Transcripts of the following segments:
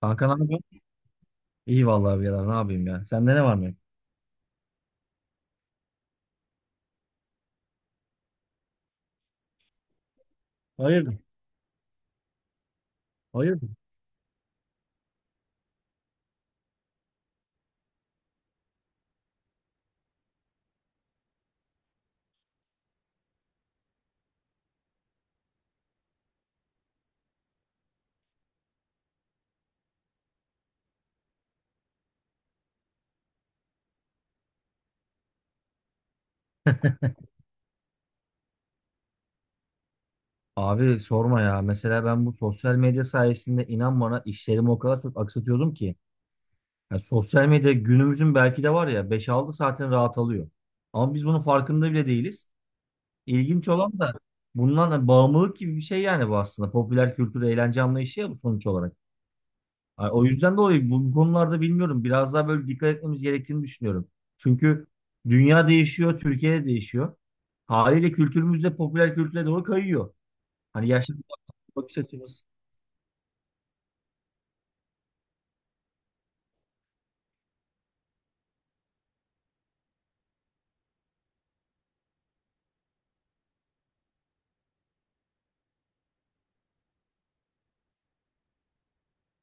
Kanka ne yapıyorsun? İyi vallahi birader ne yapayım ya. Sende ne var mı? Hayırdır? Hayırdır? Abi sorma ya. Mesela ben bu sosyal medya sayesinde inan bana işlerimi o kadar çok aksatıyordum ki. Ya sosyal medya günümüzün belki de var ya beş altı saatin rahat alıyor. Ama biz bunun farkında bile değiliz. İlginç olan da bundan da bağımlılık gibi bir şey yani bu aslında. Popüler kültür, eğlence anlayışı ya bu sonuç olarak. Ay, o yüzden dolayı bu konularda bilmiyorum. Biraz daha böyle dikkat etmemiz gerektiğini düşünüyorum. Çünkü dünya değişiyor, Türkiye de değişiyor. Haliyle kültürümüz de popüler kültüre doğru kayıyor. Hani yaşlı bir bakış açımız.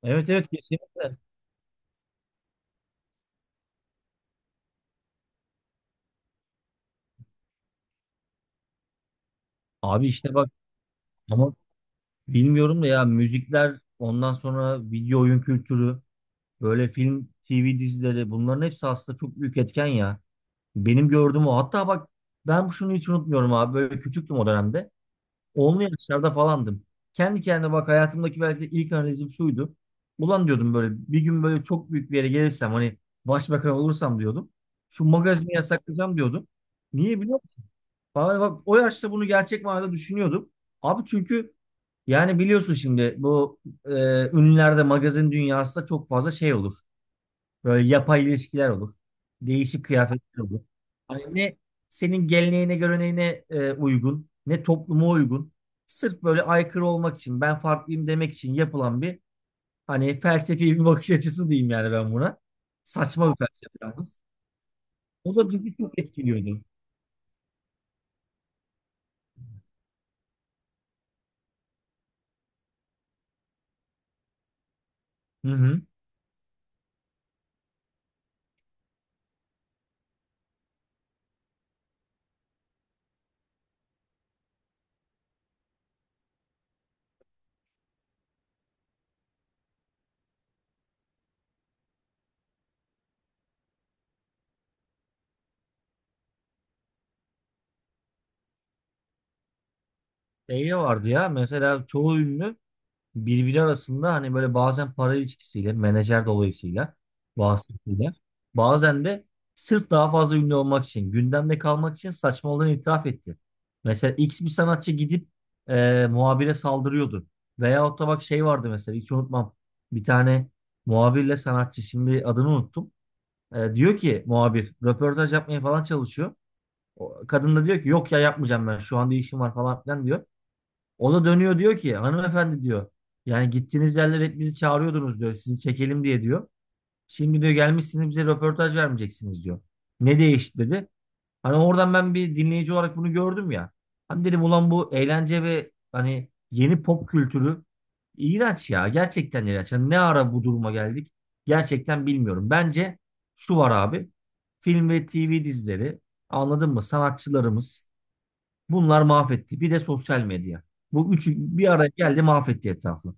Evet, evet, kesinlikle. Abi işte bak, ama bilmiyorum da ya, müzikler, ondan sonra video oyun kültürü, böyle film, TV dizileri, bunların hepsi aslında çok büyük etken ya. Benim gördüğüm o. Hatta bak, ben şunu hiç unutmuyorum abi, böyle küçüktüm o dönemde. Onlu yaşlarda falandım. Kendi kendime bak, hayatımdaki belki de ilk analizim şuydu. Ulan diyordum böyle, bir gün böyle çok büyük bir yere gelirsem, hani başbakan olursam diyordum. Şu magazini yasaklayacağım diyordum. Niye biliyor musun? Vallahi bak, o yaşta bunu gerçek manada düşünüyordum. Abi çünkü, yani biliyorsun, şimdi bu e, ünlülerde magazin dünyasında çok fazla şey olur. Böyle yapay ilişkiler olur. Değişik kıyafetler olur. Hani ne senin geleneğine göreneğine uygun, ne topluma uygun. Sırf böyle aykırı olmak için, ben farklıyım demek için yapılan bir, hani felsefi bir bakış açısı diyeyim yani ben buna. Saçma bir felsefe yalnız. O da bizi çok etkiliyordu. Hı hı. Şey de vardı ya, mesela çoğu ünlü birbiri arasında hani böyle bazen para ilişkisiyle, menajer dolayısıyla, vasıtasıyla, bazen de sırf daha fazla ünlü olmak için, gündemde kalmak için saçmalığını itiraf etti. Mesela X bir sanatçı gidip muhabire saldırıyordu. Veyahut da bak, şey vardı mesela, hiç unutmam. Bir tane muhabirle sanatçı, şimdi adını unuttum. E, diyor ki muhabir röportaj yapmaya falan çalışıyor. O kadın da diyor ki yok ya, yapmayacağım ben şu anda, işim var falan filan diyor. O da dönüyor, diyor ki hanımefendi diyor. Yani gittiğiniz yerlere hep bizi çağırıyordunuz diyor. Sizi çekelim diye diyor. Şimdi diyor, gelmişsiniz bize röportaj vermeyeceksiniz diyor. Ne değişti dedi. Hani oradan ben bir dinleyici olarak bunu gördüm ya. Hani dedim ulan, bu eğlence ve hani yeni pop kültürü iğrenç ya. Gerçekten iğrenç. Hani ne ara bu duruma geldik? Gerçekten bilmiyorum. Bence şu var abi. Film ve TV dizileri, anladın mı? Sanatçılarımız, bunlar mahvetti. Bir de sosyal medya. Bu üçü bir araya geldi, mahvetti etrafı.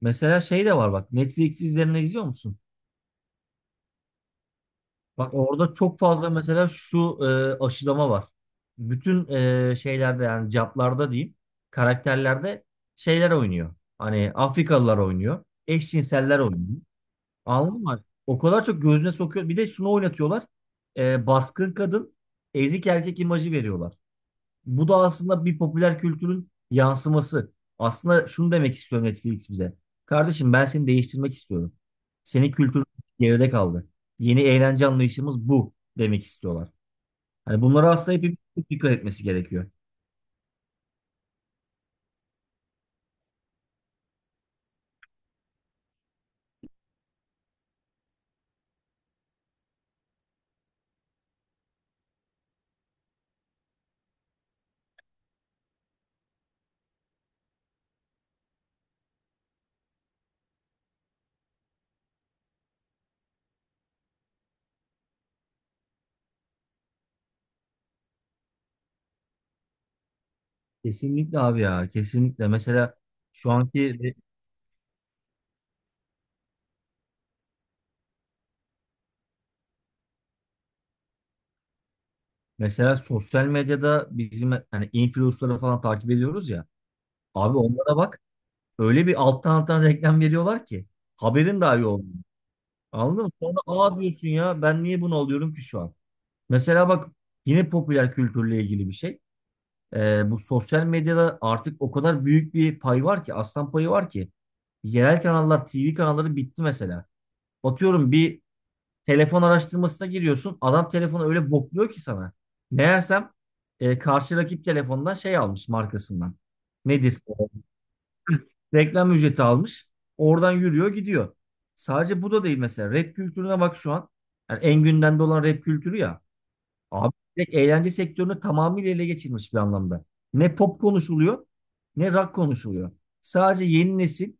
Mesela şey de var, bak Netflix üzerinden izliyor musun? Bak orada çok fazla mesela, şu aşılama var. Bütün şeylerde, yani caplarda diyeyim, karakterlerde şeyler oynuyor. Hani Afrikalılar oynuyor. Eşcinseller oynuyor. Anladın mı? O kadar çok gözüne sokuyor. Bir de şunu oynatıyorlar. E, baskın kadın ezik erkek imajı veriyorlar. Bu da aslında bir popüler kültürün yansıması. Aslında şunu demek istiyor Netflix bize. Kardeşim ben seni değiştirmek istiyorum. Senin kültürün geride kaldı. Yeni eğlence anlayışımız bu demek istiyorlar. Hani bunlara aslında hepimiz çok dikkat etmesi gerekiyor. Kesinlikle abi ya, kesinlikle. Mesela şu anki, mesela sosyal medyada bizim hani influencer'ları falan takip ediyoruz ya. Abi onlara bak, öyle bir alttan alttan reklam veriyorlar ki haberin dahi yok. Anladın mı? Sonra aa diyorsun ya, ben niye bunu alıyorum ki şu an? Mesela bak, yine popüler kültürle ilgili bir şey. Bu sosyal medyada artık o kadar büyük bir pay var ki, aslan payı var ki. Yerel kanallar, TV kanalları bitti mesela. Atıyorum, bir telefon araştırmasına giriyorsun. Adam telefonu öyle bokluyor ki sana. Meğersem karşı rakip telefondan şey almış, markasından. Nedir? Reklam ücreti almış. Oradan yürüyor gidiyor. Sadece bu da değil mesela. Rap kültürüne bak şu an. Yani en gündemde olan rap kültürü ya. Abi direkt eğlence sektörünü tamamıyla ele geçirmiş bir anlamda. Ne pop konuşuluyor, ne rock konuşuluyor. Sadece yeni nesil,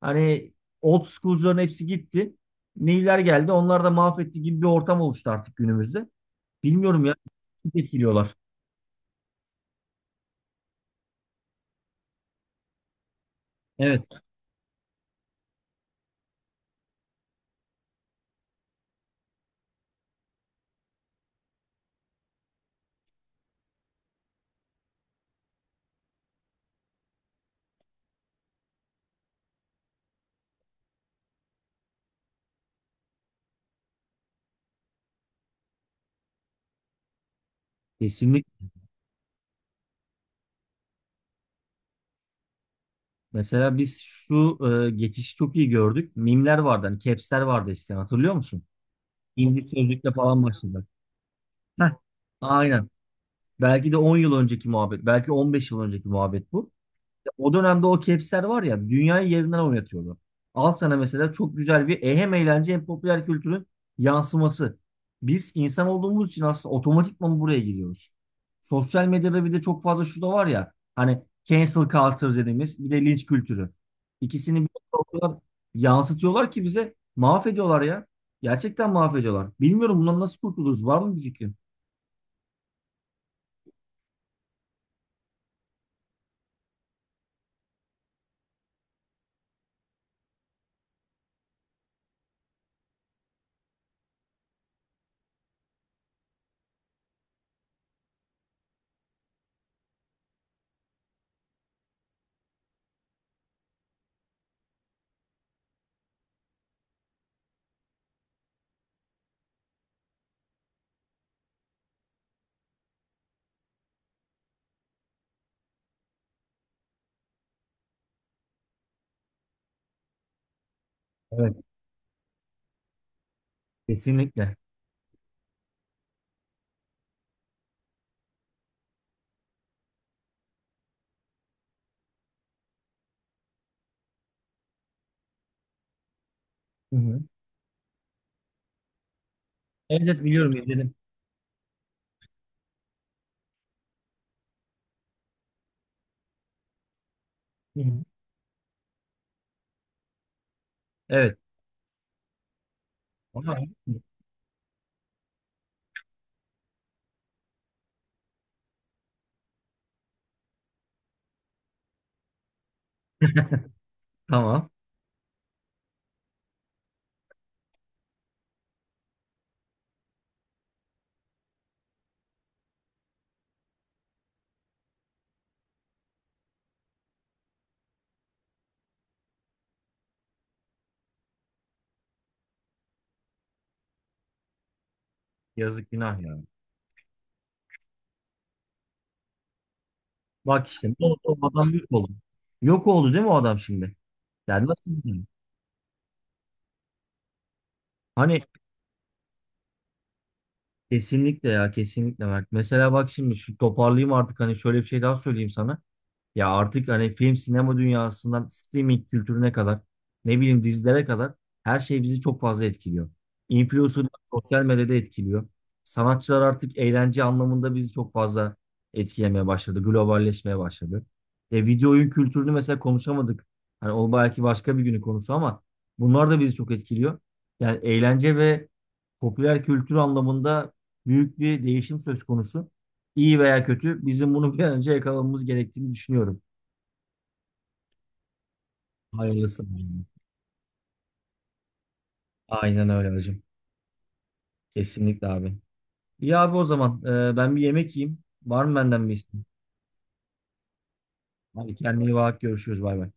hani old school'cuların hepsi gitti. Neyler geldi, onlar da mahvetti gibi bir ortam oluştu artık günümüzde. Bilmiyorum ya, çok etkiliyorlar. Evet, kesinlikle. Mesela biz şu geçişi çok iyi gördük. Mimler vardı, hani caps'ler vardı eskiden, hatırlıyor musun? İngiliz sözlükle falan başladık. Heh, aynen. Belki de 10 yıl önceki muhabbet, belki 15 yıl önceki muhabbet bu. O dönemde o kepsler var ya, dünyayı yerinden oynatıyordu. Al sana mesela çok güzel bir hem eğlence hem popüler kültürün yansıması. Biz insan olduğumuz için aslında otomatikman buraya giriyoruz. Sosyal medyada bir de çok fazla şu da var ya, hani cancel culture dediğimiz, bir de linç kültürü. İkisini bir arada o kadar yansıtıyorlar ki bize, mahvediyorlar ya. Gerçekten mahvediyorlar. Bilmiyorum bundan nasıl kurtuluruz. Var mı bir fikrin? Evet, kesinlikle. Hı hı. Evet, evet, biliyorum, izledim. Hı hı. Evet. Ama. Tamam. Yazık günah ya. Bak işte ne oldu, o adam yok oldu. Yok oldu değil mi o adam şimdi? Yani nasıl bilmiyorum. Hani kesinlikle ya, kesinlikle Mert. Mesela bak şimdi şu toparlayayım artık, hani şöyle bir şey daha söyleyeyim sana. Ya artık hani film, sinema dünyasından streaming kültürüne kadar, ne bileyim dizilere kadar, her şey bizi çok fazla etkiliyor. Influencerlar sosyal medyada etkiliyor. Sanatçılar artık eğlence anlamında bizi çok fazla etkilemeye başladı. Globalleşmeye başladı. E, video oyun kültürünü mesela konuşamadık. Hani o belki başka bir günün konusu, ama bunlar da bizi çok etkiliyor. Yani eğlence ve popüler kültür anlamında büyük bir değişim söz konusu. İyi veya kötü, bizim bunu bir an önce yakalamamız gerektiğini düşünüyorum. Hayırlısı. Aynen öyle hacım. Kesinlikle abi. İyi abi, o zaman ben bir yemek yiyeyim. Var mı benden bir isteğin? Hadi kendine iyi bak, görüşürüz, bay bay.